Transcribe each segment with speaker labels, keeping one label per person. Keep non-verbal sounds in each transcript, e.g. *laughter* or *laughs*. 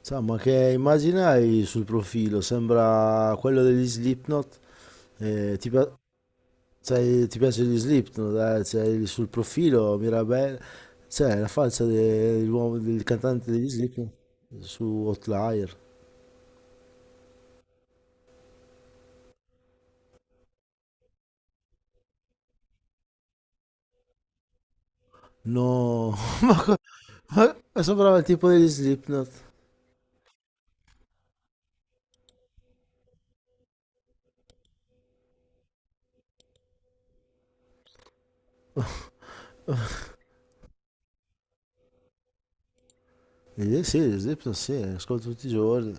Speaker 1: Insomma, che immagine hai sul profilo? Sembra quello degli Slipknot. Eh, ti, pi- Sai, ti piace gli Slipknot? Eh? C'hai sul profilo Mirabel, c'è la faccia del cantante degli Slipknot su Outlier. No, *laughs* ma, ma sembrava il tipo degli Slipknot. Sì, gli Slipknot sì, ascolto tutti i giorni.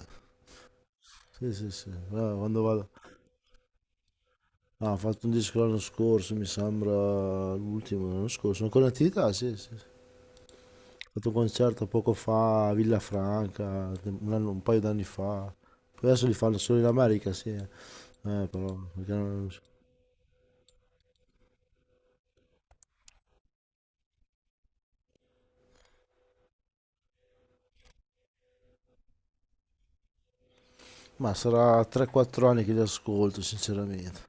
Speaker 1: Sì, sì, sì. Ah, quando vado... Ah, ha fatto un disco l'anno scorso, mi sembra l'ultimo l'anno scorso. Sono ancora in attività, sì, sì, sì. Fatto un concerto poco fa a Villafranca, un paio d'anni fa. Poi adesso li fanno solo in America, sì. Però, perché non- Ma sarà 3-4 anni che li ascolto, sinceramente.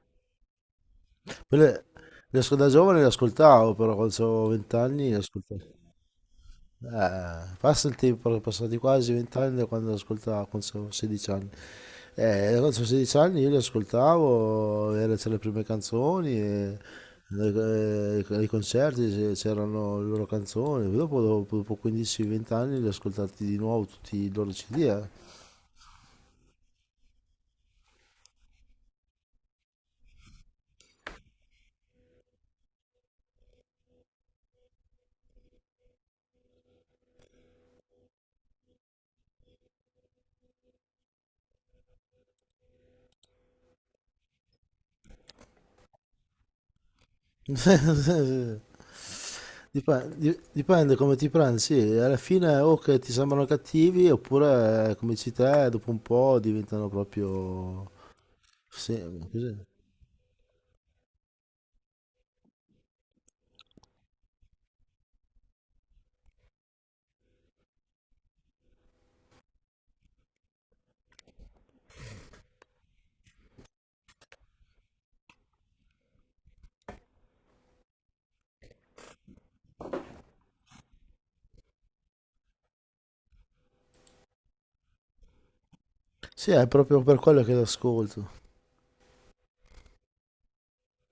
Speaker 1: Poi le asco- Da giovane li ascoltavo, però quando avevo 20 anni li ascoltavo. Passa il tempo, sono passati quasi 20 anni da quando ascoltavo, quando avevo 16 anni. Quando avevo 16 anni io li ascoltavo, c'erano le prime canzoni, e ai concerti c'erano le loro canzoni. Poi dopo 15-20 anni li ho ascoltati di nuovo tutti i loro CD. *laughs* Dipende, come ti prendi, sì, alla fine o che ti sembrano cattivi oppure come dici te, dopo un po' diventano proprio... Sì, così. Sì, è proprio per quello che l'ascolto.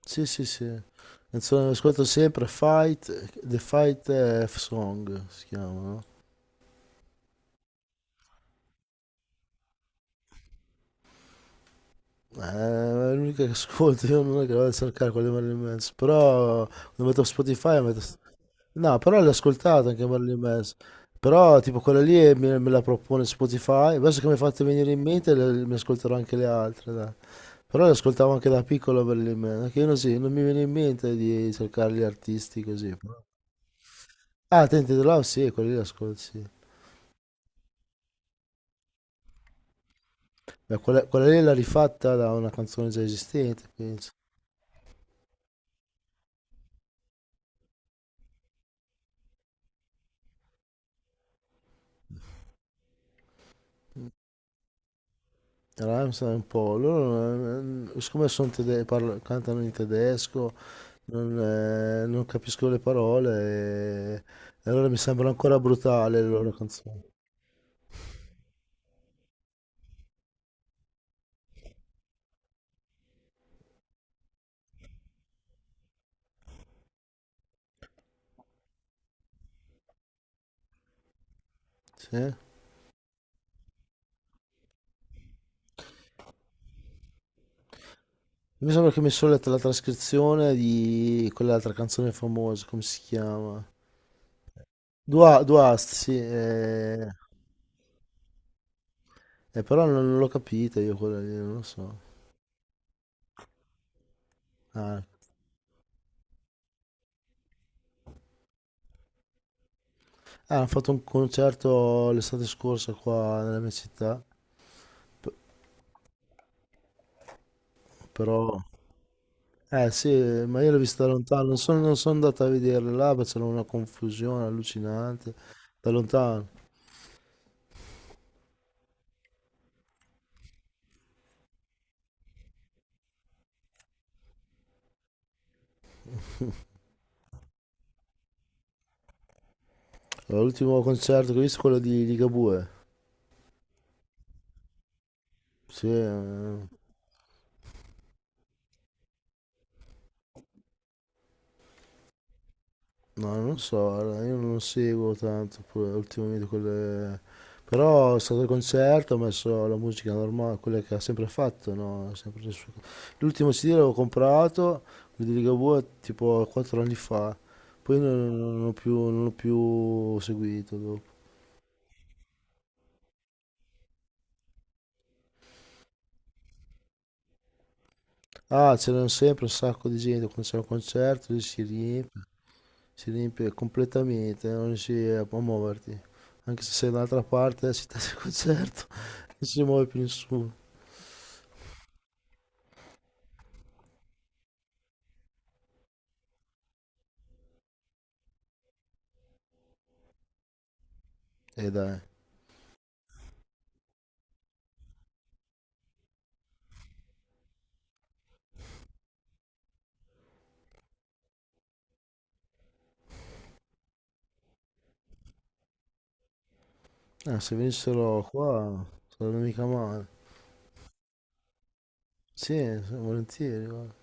Speaker 1: Sì, sì, sì. Canzone che ascolto sempre Fight, The Fight F Song si chiama, no? Eh, È l'unica che ascolto, io non è che la vado a cercare quelle di Marilyn Manson, però lo metto su Spotify, metto... No, però l'ho ascoltata anche Marilyn Manson, però tipo quella lì me la propone Spotify, adesso che mi hai fatto venire in mente mi ascolterò anche le altre, dai. Però le ascoltavo anche da piccolo Marilyn Manson, che io non, sì, non mi viene in mente di cercare gli artisti così, però... Ah, Tente the Love, sì, quella lì l'ascolto, sì. Beh, quella lì l'ha rifatta da una canzone già esistente, penso. Rammstein è un po', loro siccome sono cantano in tedesco, non capisco le parole, e allora mi sembra ancora brutale le loro canzoni. Sì? Mi sembra che mi sono letto la trascrizione di quell'altra canzone famosa, come si chiama? Duast, sì. Però non l'ho capita io quella lì, non lo so. Ah, ah, hanno fatto un concerto l'estate scorsa qua nella mia città, p- però... Eh sì, ma io l'ho vista da lontano, non sono andato a vederla là, perché c'era una confusione allucinante, da lontano. L'ultimo concerto che ho visto è quello di Ligabue. Sì. No, non so, guarda, io non seguo tanto pure ultimamente quelle... Però è stato il concerto, ho messo la musica normale, quella che ha sempre fatto, no? Sempre le sue- L'ultimo CD l'avevo comprato, quello di Ligabue, tipo 4 anni fa. Poi non ho più, non l'ho più seguito dopo. Ah, c'erano sempre un sacco di gente, quando c'è un concerto lì si riempie completamente, non riesci a muoverti. Anche se sei dall'altra parte, si testa il concerto, *laughs* non si muove più nessuno. E dai, se venissero qua sarebbe mica male. Sì, sì, volentieri, guarda.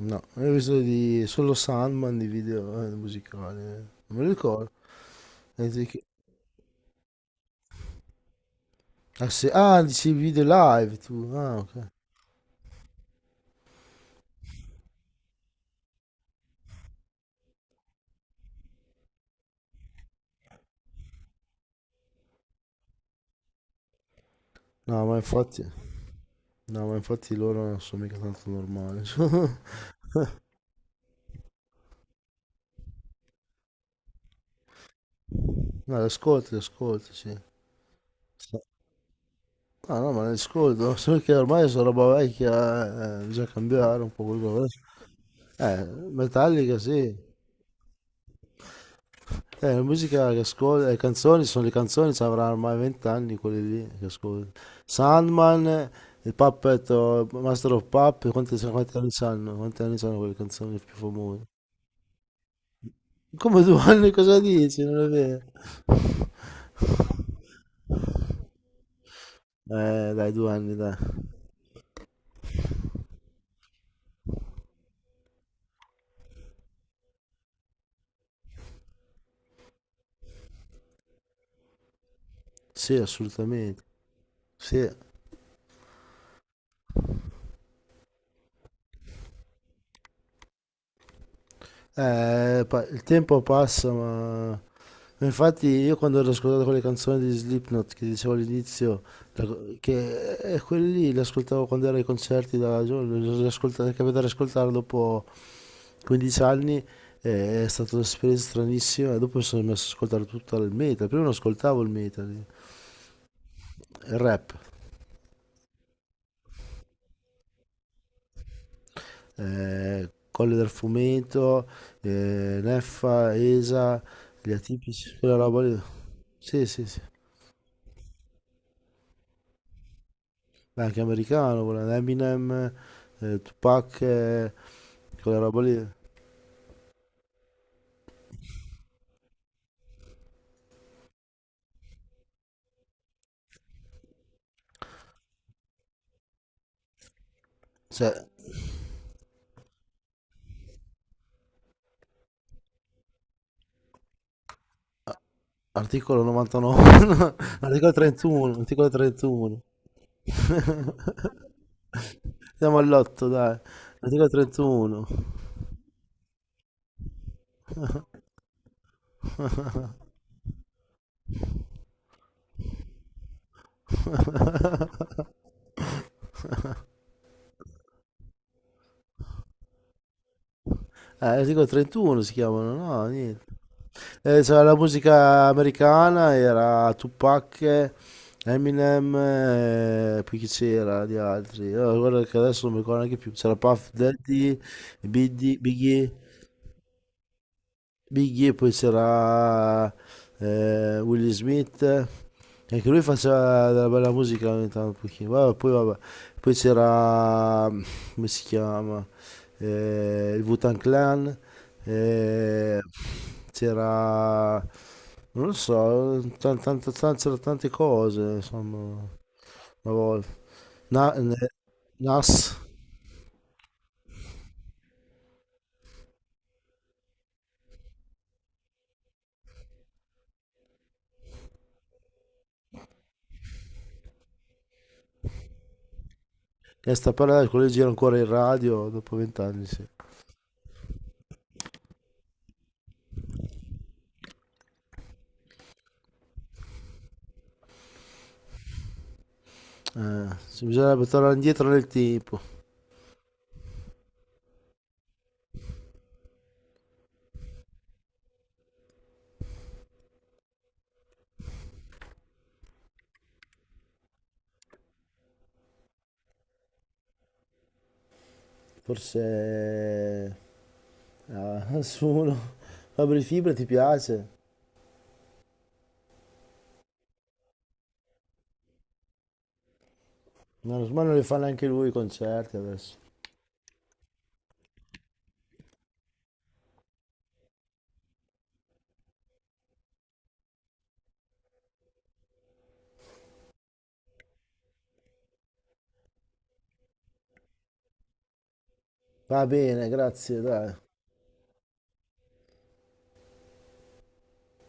Speaker 1: No, io ho visto solo Sandman di video musicali. Non me lo ricordo. E dici che- Ah, se, dici i video live tu. Ah, ok. No, ma infatti, no, ma infatti loro non sono mica tanto normali. *laughs* No, le ascolti, sì. Sta- No, no, ma le ascolto, solo *laughs* che ormai sono roba vecchia, bisogna cambiare un po' quello. Eh, Metallica sì. La musica che ascolto, le canzoni sono le canzoni, ci avranno ormai 20 anni quelle lì che ascolto. Sandman, il Puppet, oh, Master of Puppet, quanti anni sanno? Quanti anni sanno quelle canzoni più famose? Come 2 anni cosa dici? Non è vero? Dai, 2 anni, dai. Sì, assolutamente. Sì. Il tempo passa, ma infatti io quando ero ascoltato quelle canzoni di Slipknot che dicevo all'inizio, la- che quelli lì le ascoltavo quando ero ai concerti da giovane, è capitato di ascoltare dopo 15 anni, è stata un'esperienza stranissima e dopo mi sono messo ad ascoltare tutto il metal, prima non ascoltavo il metal, il rap, Colle del Fumeto, Neffa, ESA, gli atipici, quella roba lì, sì, sì, sì. Ma anche americano, quella Eminem, Tupac, quella roba lì. Cioè, articolo 99, *laughs* articolo 31, articolo 31. *laughs* Andiamo all'otto, dai. Articolo 31. *laughs* Articolo 31 si chiamano, no? Niente. C'era la musica americana, era Tupac, Eminem, poi chi c'era di altri? Guarda che adesso non mi ricordo neanche più. C'era Puff Daddy, Biggie, Biggie, Biggie, poi c'era Will Smith, anche lui faceva della bella musica ogni tanto, un pochino. Vabbè. Poi c'era, come si chiama, il Wu-Tang Clan, eh, c'era, non lo so, c'erano tante cose, insomma, una volta. Na- ne- Nas, che sta parlando, quello gira ancora in radio dopo 20 anni, sì. Sì, bisognerebbe tornare indietro nel tempo. Forse a *laughs* nessuno. Fabri Fibra ti piace? No, ormai non li fa neanche lui i concerti adesso. Va bene, grazie, dai.